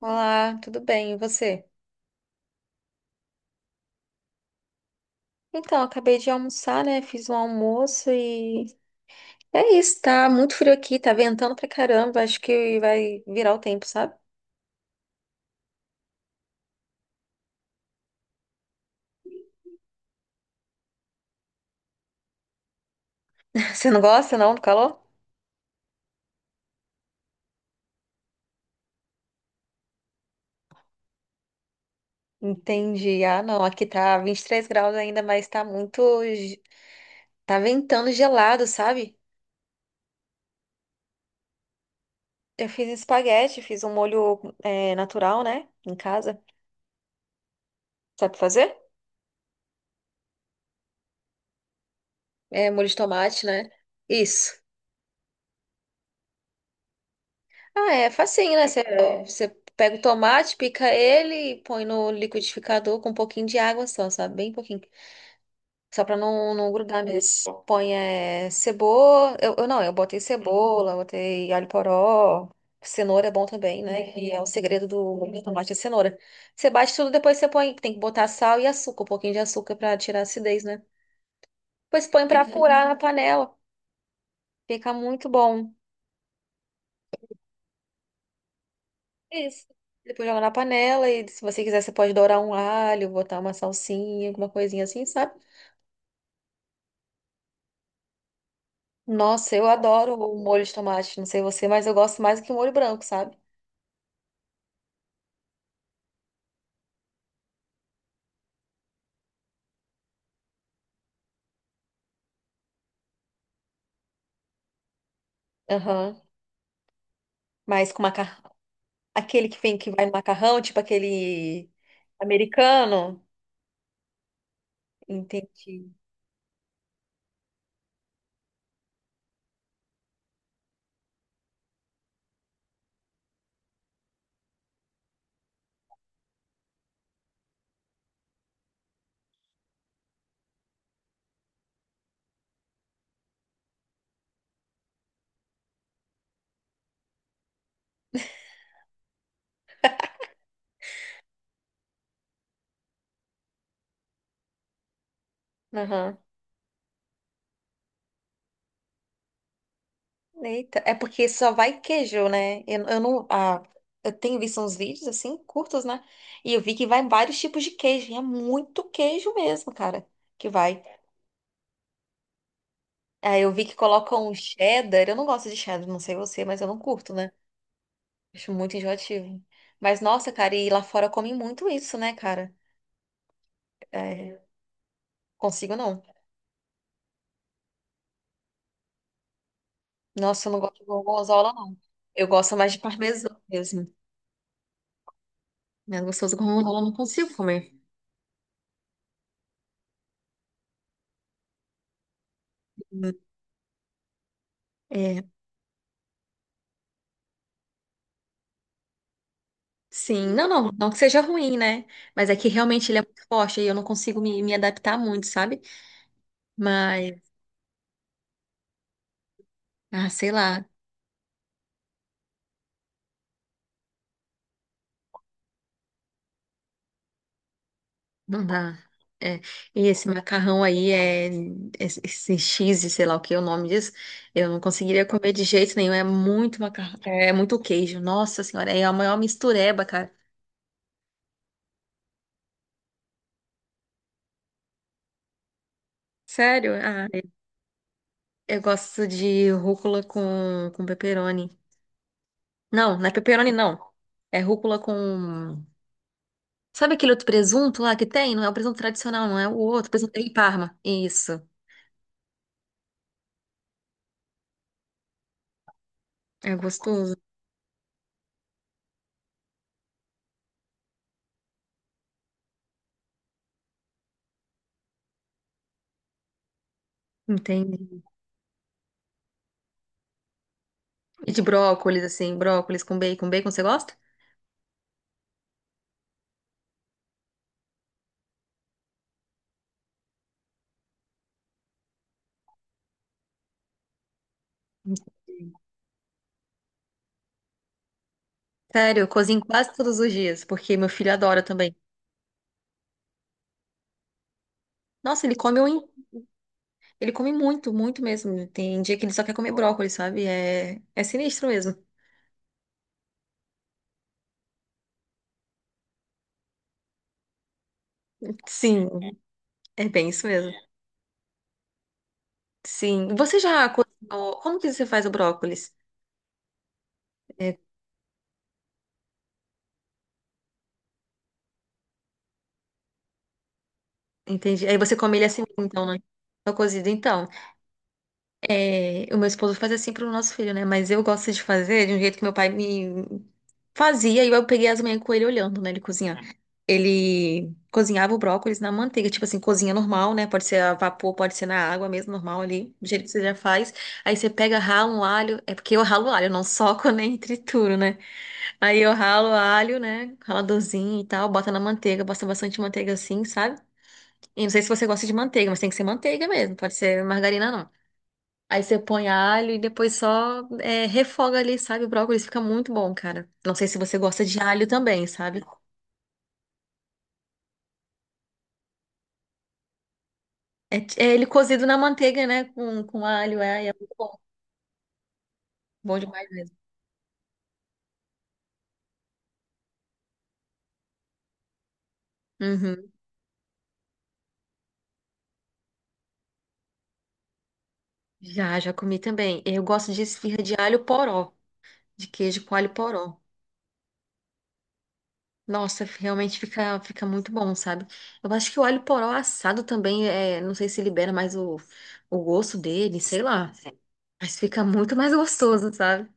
Olá, tudo bem? E você? Então, acabei de almoçar, né? Fiz um almoço e é isso, tá muito frio aqui, tá ventando pra caramba. Acho que vai virar o tempo, sabe? Você não gosta, não, do calor? Entendi. Ah, não, aqui tá 23 graus ainda, mas tá muito. Tá ventando gelado, sabe? Eu fiz espaguete, fiz um molho natural, né? Em casa. Sabe fazer? É, molho de tomate, né? Isso. Ah, é facinho, né? Você pega o tomate, pica ele, põe no liquidificador com um pouquinho de água só, sabe? Bem pouquinho. Só pra não grudar mesmo. Põe cebola. Eu não, eu botei cebola, botei alho poró. Cenoura é bom também, né? E é o segredo do tomate é cenoura. Você bate tudo, depois você põe. Tem que botar sal e açúcar, um pouquinho de açúcar pra tirar a acidez, né? Depois põe pra furar na panela. Fica muito bom. Isso. Depois joga na panela e se você quiser, você pode dourar um alho, botar uma salsinha, alguma coisinha assim, sabe? Nossa, eu adoro o molho de tomate, não sei você, mas eu gosto mais do que o molho branco, sabe? Aham. Mas com macarrão, aquele que vai no macarrão, tipo aquele americano, entendi. Aham. Eita, é porque só vai queijo, né? Eu não, ah, eu tenho visto uns vídeos assim, curtos, né? E eu vi que vai vários tipos de queijo, e é muito queijo mesmo, cara, que vai. Ah, eu vi que colocam cheddar. Eu não gosto de cheddar, não sei você, mas eu não curto, né? Acho muito enjoativo. Mas nossa, cara, e lá fora comem muito isso, né, cara? É, consigo não. Nossa, eu não gosto de gorgonzola, não. Eu gosto mais de parmesão mesmo. Mas gostoso gorgonzola, eu não consigo comer. É, sim, não, não, não que seja ruim, né? Mas é que realmente ele é muito forte e eu não consigo me adaptar muito, sabe? Mas, ah, sei lá. Não dá. É. E esse macarrão aí é esse cheese, sei lá o que é o nome disso. Eu não conseguiria comer de jeito nenhum. É muito macarrão, é muito queijo. Nossa senhora, é a maior mistureba, cara. Sério? Ah, é, eu gosto de rúcula com pepperoni. Não, não é pepperoni não. É rúcula com Sabe aquele outro presunto lá que tem? Não é o presunto tradicional, não é o outro, presunto em Parma. Isso. É gostoso. Entendi. E de brócolis assim, brócolis com bacon. Bacon você gosta? Sério, eu cozinho quase todos os dias, porque meu filho adora também. Nossa, ele come muito, muito mesmo. Tem dia que ele só quer comer brócolis, sabe? É, é sinistro mesmo. Sim, é bem isso mesmo. Sim. Você já cozinhou? Como que você faz o brócolis? É, entendi. Aí você come ele assim, então, né? Só cozido, então. É, o meu esposo faz assim pro nosso filho, né? Mas eu gosto de fazer de um jeito que meu pai me fazia e eu peguei as manhãs com ele olhando, né? Ele cozinhar. Ele cozinhava o brócolis na manteiga, tipo assim, cozinha normal, né? Pode ser a vapor, pode ser na água mesmo, normal ali, do jeito que você já faz. Aí você pega, rala um alho, é porque eu ralo alho, eu não soco nem trituro, né? Aí eu ralo alho, né? Raladorzinho e tal, bota na manteiga, bota bastante manteiga assim, sabe? E não sei se você gosta de manteiga, mas tem que ser manteiga mesmo, pode ser margarina não. Aí você põe alho e depois só refoga ali, sabe? O brócolis fica muito bom, cara. Não sei se você gosta de alho também, sabe? É ele cozido na manteiga, né? Com alho, é, é muito bom. Bom demais mesmo. Uhum. Já, já comi também. Eu gosto de esfirra de alho poró, de queijo com alho poró. Nossa, realmente fica, fica muito bom, sabe? Eu acho que o alho poró assado também, é, não sei se libera mais o gosto dele, sei lá. Mas fica muito mais gostoso, sabe?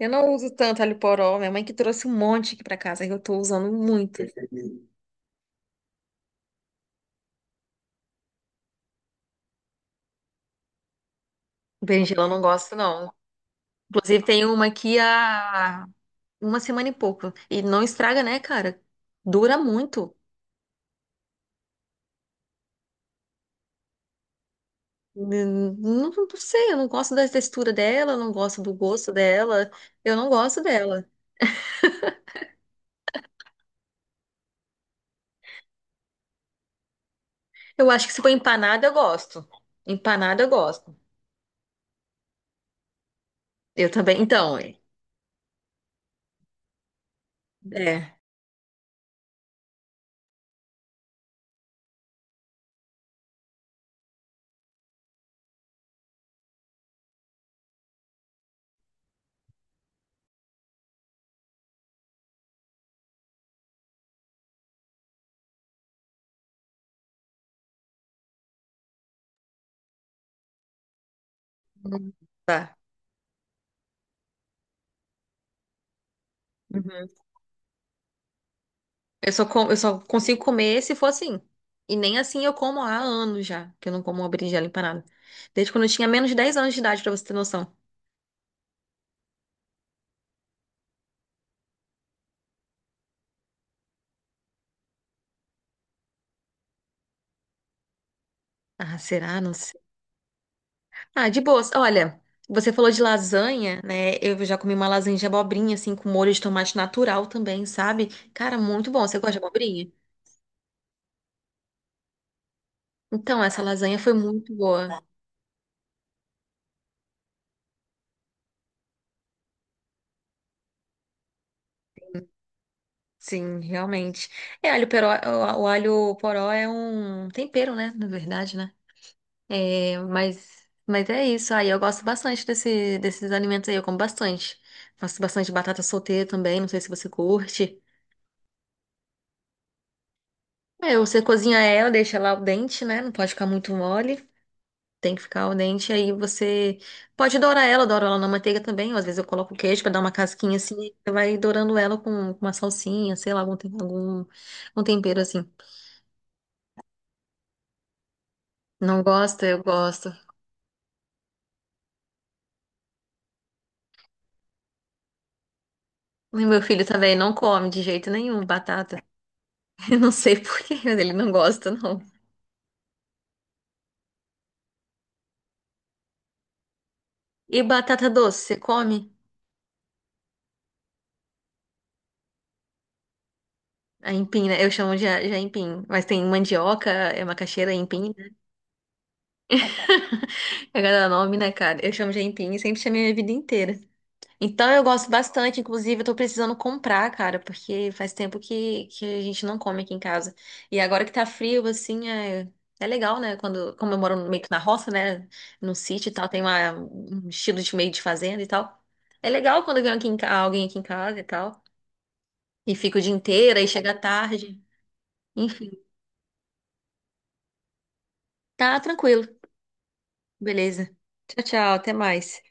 Eu não uso tanto alho poró. Minha mãe que trouxe um monte aqui pra casa, que eu tô usando muito. Berinjela eu não gosto, não. Inclusive, tem uma aqui há uma semana e pouco. E não estraga, né, cara? Dura muito. Não, não sei, eu não gosto da textura dela, eu não gosto do gosto dela. Eu não gosto dela. Eu acho que se for empanada, eu gosto. Empanada, eu gosto. Eu também. Então, é. É. Tá. Uhum. Eu só consigo comer se for assim. E nem assim eu como há anos já, que eu não como uma berinjela empanada. Desde quando eu tinha menos de 10 anos de idade, pra você ter noção. Ah, será? Não sei. Ah, de boas. Olha, você falou de lasanha, né? Eu já comi uma lasanha de abobrinha, assim, com molho de tomate natural também, sabe? Cara, muito bom. Você gosta de abobrinha? Então, essa lasanha foi muito boa. Sim, realmente. É, alho peró, o alho poró é um tempero, né? Na verdade, né? É, mas é isso. Aí eu gosto bastante desses alimentos aí, eu como bastante. Faço bastante batata solteira também, não sei se você curte. É, você cozinha ela, deixa ela al dente, né? Não pode ficar muito mole. Tem que ficar al dente. Aí você pode dourar ela, douro ela na manteiga também. Ou às vezes eu coloco queijo pra dar uma casquinha assim. E Você vai dourando ela com uma salsinha, sei lá, algum, algum tempero assim. Não gosta? Eu gosto. E meu filho também não come de jeito nenhum batata. Eu não sei por quê, mas ele não gosta, não. E batata doce, você come? A aipim, né? Eu chamo de, a- de aipim, mas tem mandioca, é macaxeira, aipim, né? É cada nome, né, cara? Eu chamo de aipim e sempre chamei minha vida inteira. Então eu gosto bastante, inclusive eu tô precisando comprar, cara, porque faz tempo que a gente não come aqui em casa. E agora que tá frio, assim, é, é legal, né? Quando, como eu moro meio que na roça, né? No sítio e tal, tem uma, um estilo de meio de fazenda e tal. É legal quando vem alguém aqui em casa e tal. E fico o dia inteiro, aí chega tarde. Tá tranquilo. Beleza. Tchau, tchau. Até mais.